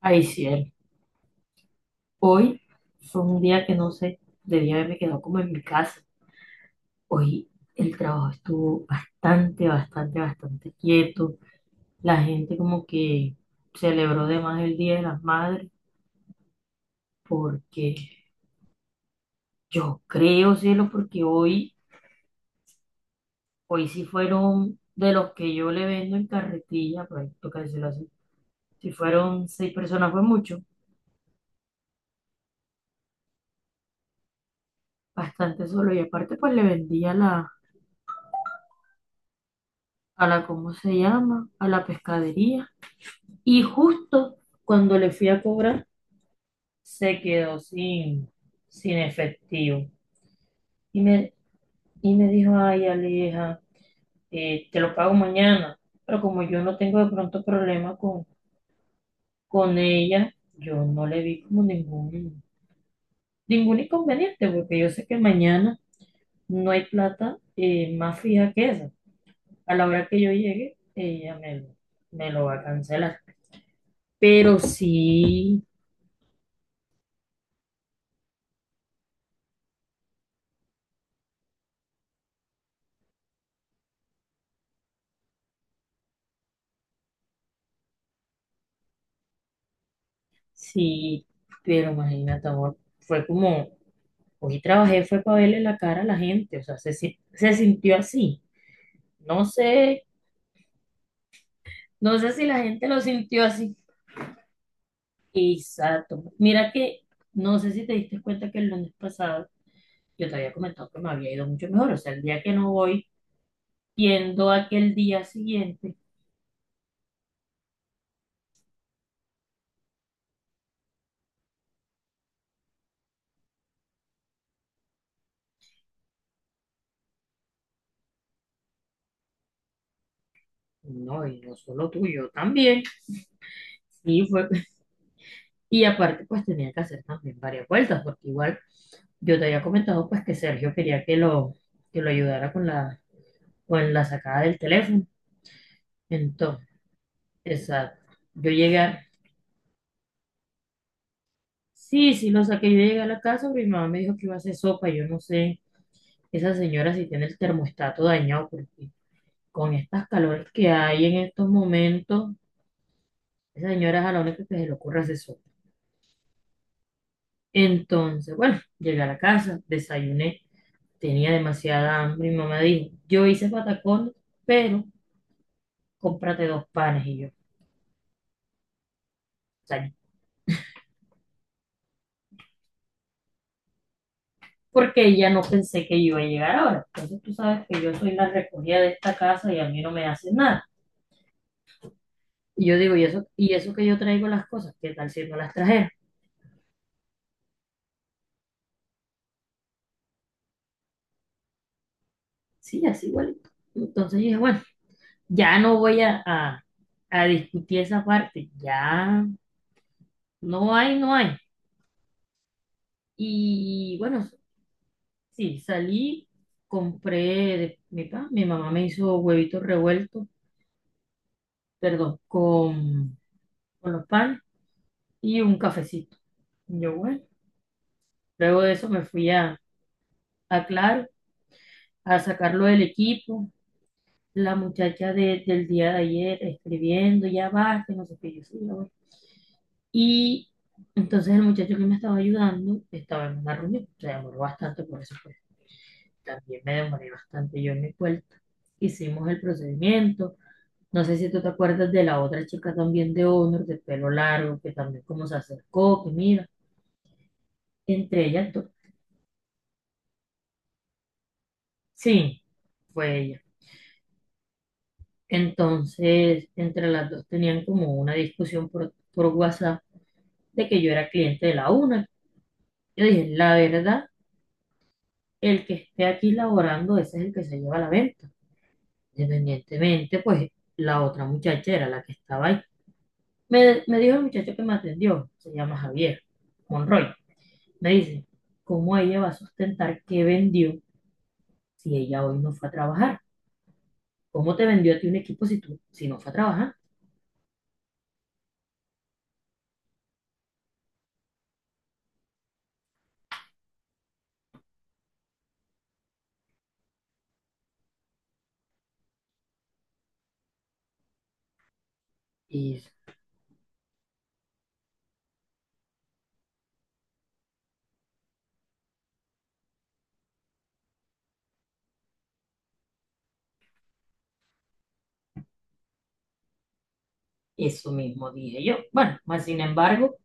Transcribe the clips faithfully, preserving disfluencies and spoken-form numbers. Ay, cielo. Hoy fue un día que no sé, debía haberme quedado como en mi casa. Hoy el trabajo estuvo bastante, bastante, bastante quieto. La gente como que celebró de más el Día de las Madres porque yo creo, cielo, porque hoy, hoy sí fueron de los que yo le vendo en carretilla, por ahí toca decirlo así, si fueron seis personas fue mucho, bastante solo. Y aparte pues le vendía a la, a la, ¿cómo se llama? A la pescadería. Y justo cuando le fui a cobrar, se quedó sin, sin efectivo. Y me, y me dijo, ay, Aleja, eh, te lo pago mañana. Pero como yo no tengo de pronto problema con, con ella, yo no le vi como ningún, ningún inconveniente, porque yo sé que mañana no hay plata eh, más fija que esa. A la hora que yo llegue, ella me lo, me lo va a cancelar. Pero sí, sí, pero imagínate, amor, fue como, hoy trabajé, fue para verle la cara a la gente, o sea, se, si- se sintió así. No sé, no sé si la gente lo sintió así. Exacto. Mira que, no sé si te diste cuenta que el lunes pasado yo te había comentado que me había ido mucho mejor, o sea, el día que no voy, yendo aquel día siguiente, no, y no solo tú, yo también. Sí, fue, y aparte pues tenía que hacer también varias vueltas, porque igual... Yo te había comentado pues que Sergio quería que lo, que lo ayudara con la, con la sacada del teléfono. Entonces, exacto. Yo llegué a- sí, sí lo saqué. Yo llegué a la casa, pero mi mamá me dijo que iba a hacer sopa. Yo no sé, esa señora si tiene el termostato dañado, porque con estas calores que hay en estos momentos, esa señora es a la única que se le ocurre hacer sopa. Entonces, bueno, llegué a la casa, desayuné, tenía demasiada hambre. Mi mamá dijo, yo hice patacones, pero cómprate dos panes y yo. O sea, porque ya no pensé que yo iba a llegar ahora. Entonces tú sabes que yo soy la recogida de esta casa y a mí no me hacen nada. Y yo digo, ¿y eso, y eso que yo traigo las cosas? ¿Qué tal si no las trajera? Sí, así igualito. Entonces dije, bueno, ya no voy a, a, a discutir esa parte. Ya no hay, no hay. Y bueno, sí, salí, compré de mi pan. Mi mamá me hizo huevitos revueltos, perdón, con, con los pan y un cafecito. Y Yo, bueno. Luego de eso me fui a, a Claro a sacarlo del equipo. La muchacha de- del día de ayer escribiendo, ya basta no sé qué yo sí, ya voy. Y entonces el muchacho que me estaba ayudando estaba en una reunión. Se demoró bastante, por eso pues, también me demoré bastante yo en mi vuelta. Hicimos el procedimiento. No sé si tú te acuerdas de la otra chica también de Honor, de pelo largo, que también como se acercó, que mira, entre ellas dos. Sí, fue ella. Entonces, entre las dos tenían como una discusión por, por WhatsApp de que yo era cliente de la una. Yo dije, la verdad, el que esté aquí laborando, ese es el que se lleva la venta. Independientemente, pues la otra muchacha era la que estaba ahí. Me, me dijo el muchacho que me atendió, se llama Javier Monroy. Me dice, ¿cómo ella va a sustentar que vendió si ella hoy no fue a trabajar? ¿Cómo te vendió a ti un equipo si tú, si no fue a trabajar? Y eso mismo dije yo. Bueno, más sin embargo.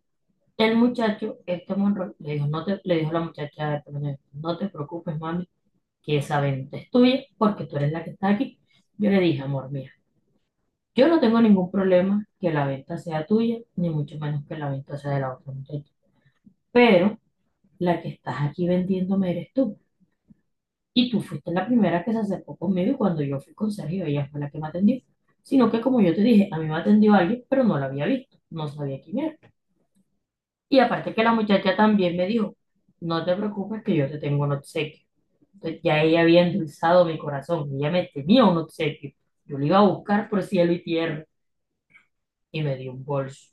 El muchacho, este Monroy, le dijo, no te, le dijo la muchacha de Polonia, no te preocupes, mami, que esa venta es tuya porque tú eres la que está aquí. Yo le dije, amor, mira, yo no tengo ningún problema que la venta sea tuya, ni mucho menos que la venta sea de la otra muchacha. Pero la que estás aquí vendiéndome eres tú. Y tú fuiste la primera que se acercó conmigo y cuando yo fui con Sergio, ella fue la que me atendió. Sino que como yo te dije, a mí me atendió alguien, pero no la había visto, no sabía quién era. Y aparte que la muchacha también me dijo, no te preocupes que yo te tengo un obsequio. Entonces ya ella había endulzado mi corazón, ella me tenía un obsequio. Yo lo iba a buscar por cielo y tierra y me dio un bolso.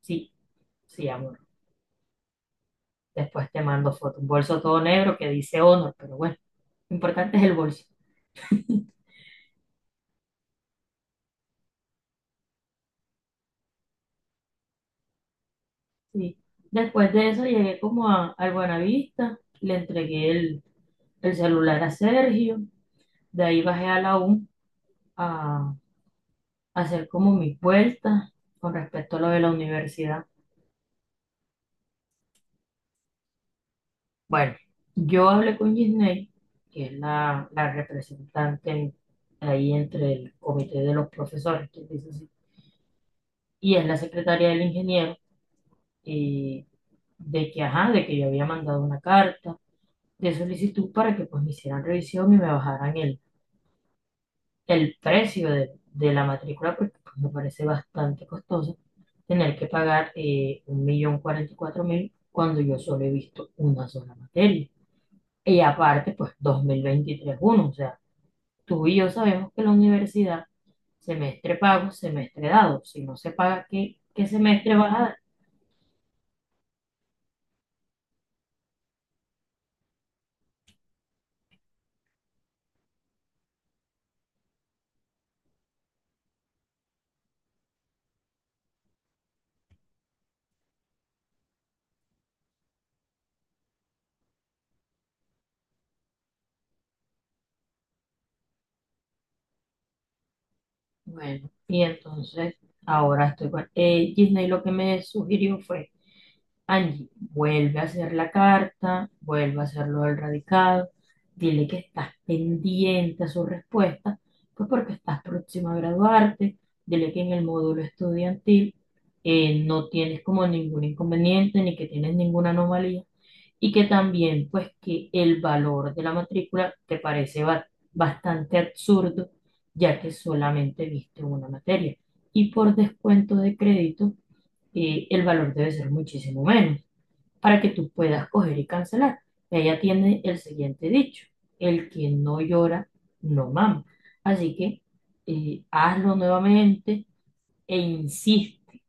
Sí, sí, amor. Después te mando foto, un bolso todo negro que dice Honor, pero bueno, lo importante es el bolso. Sí. Después de eso llegué como a, al Buenavista, le entregué el, el celular a Sergio, de ahí bajé a la U hacer como mis vueltas con respecto a lo de la universidad. Bueno, yo hablé con Gisney, que es la, la representante ahí entre el comité de los profesores, que dice así, y es la secretaria del ingeniero, eh, de que, ajá, de que yo había mandado una carta de solicitud para que pues me hicieran revisión y me bajaran el el precio de, de la matrícula, porque pues, me parece bastante costoso tener que pagar eh, un millón cuarenta y cuatro mil cuando yo solo he visto una sola materia. Y aparte, pues dos mil veintitrés uno o sea, tú y yo sabemos que la universidad, semestre pago, semestre dado, si no se paga, ¿qué, qué semestre vas a? Bueno, y entonces ahora estoy con eh, Disney. Lo que me sugirió fue, Angie, vuelve a hacer la carta, vuelve a hacerlo lo del radicado, dile que estás pendiente a su respuesta, pues porque estás próxima a graduarte, dile que en el módulo estudiantil eh, no tienes como ningún inconveniente ni que tienes ninguna anomalía y que también pues que el valor de la matrícula te parece ba- bastante absurdo ya que solamente viste una materia. Y por descuento de crédito, eh, el valor debe ser muchísimo menos para que tú puedas coger y cancelar. Y allá tiene el siguiente dicho, el que no llora, no mama. Así que eh, hazlo nuevamente e insiste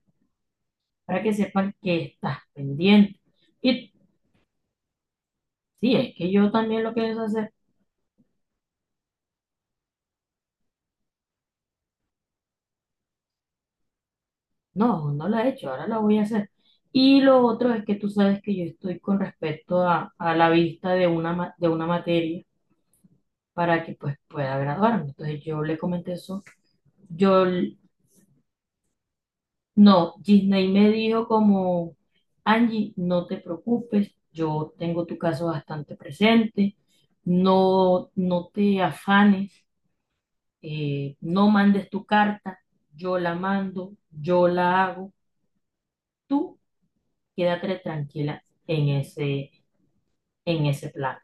para que sepan que estás pendiente. Y sí, es que yo también lo pienso hacer. No, no la he hecho, ahora la voy a hacer. Y lo otro es que tú sabes que yo estoy con respecto a, a la vista de una, ma- de una materia para que pues pueda graduarme. Entonces yo le comenté eso. Yo, l- no, Disney me dijo como, Angie, no te preocupes, yo tengo tu caso bastante presente, no, no te afanes, eh, no mandes tu carta, yo la mando, yo la hago. Tú quédate tranquila en ese, en ese plan.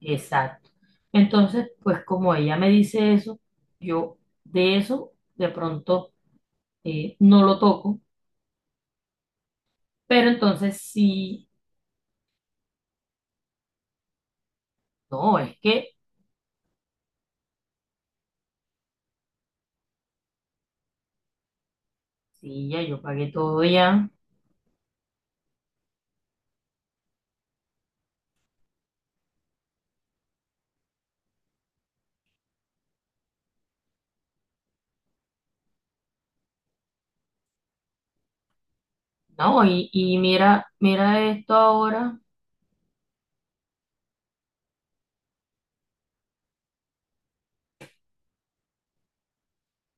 Exacto. Entonces, pues como ella me dice eso, yo de eso de pronto eh, no lo toco, pero entonces sí, no, es que sí, ya yo pagué todo ya, no, y, y mira, mira esto ahora,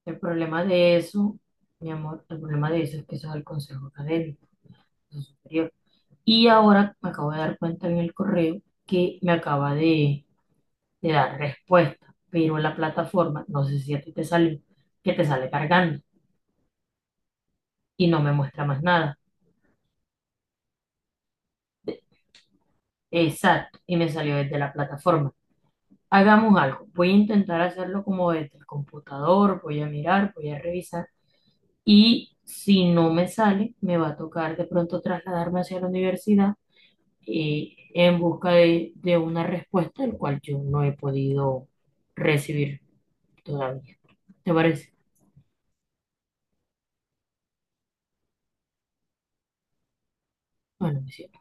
el problema de eso, mi amor, el problema de eso es que eso es el consejo académico, superior. Y ahora me acabo de dar cuenta en el correo que me acaba de te da respuesta, pero la plataforma, no sé si a ti te salió, que te sale cargando y no me muestra más nada. Exacto, y me salió desde la plataforma. Hagamos algo, voy a intentar hacerlo como desde el computador, voy a mirar, voy a revisar y si no me sale, me va a tocar de pronto trasladarme hacia la universidad eh, en busca de, de una respuesta, el cual yo no he podido recibir todavía. ¿Te parece? Bueno, me sirve.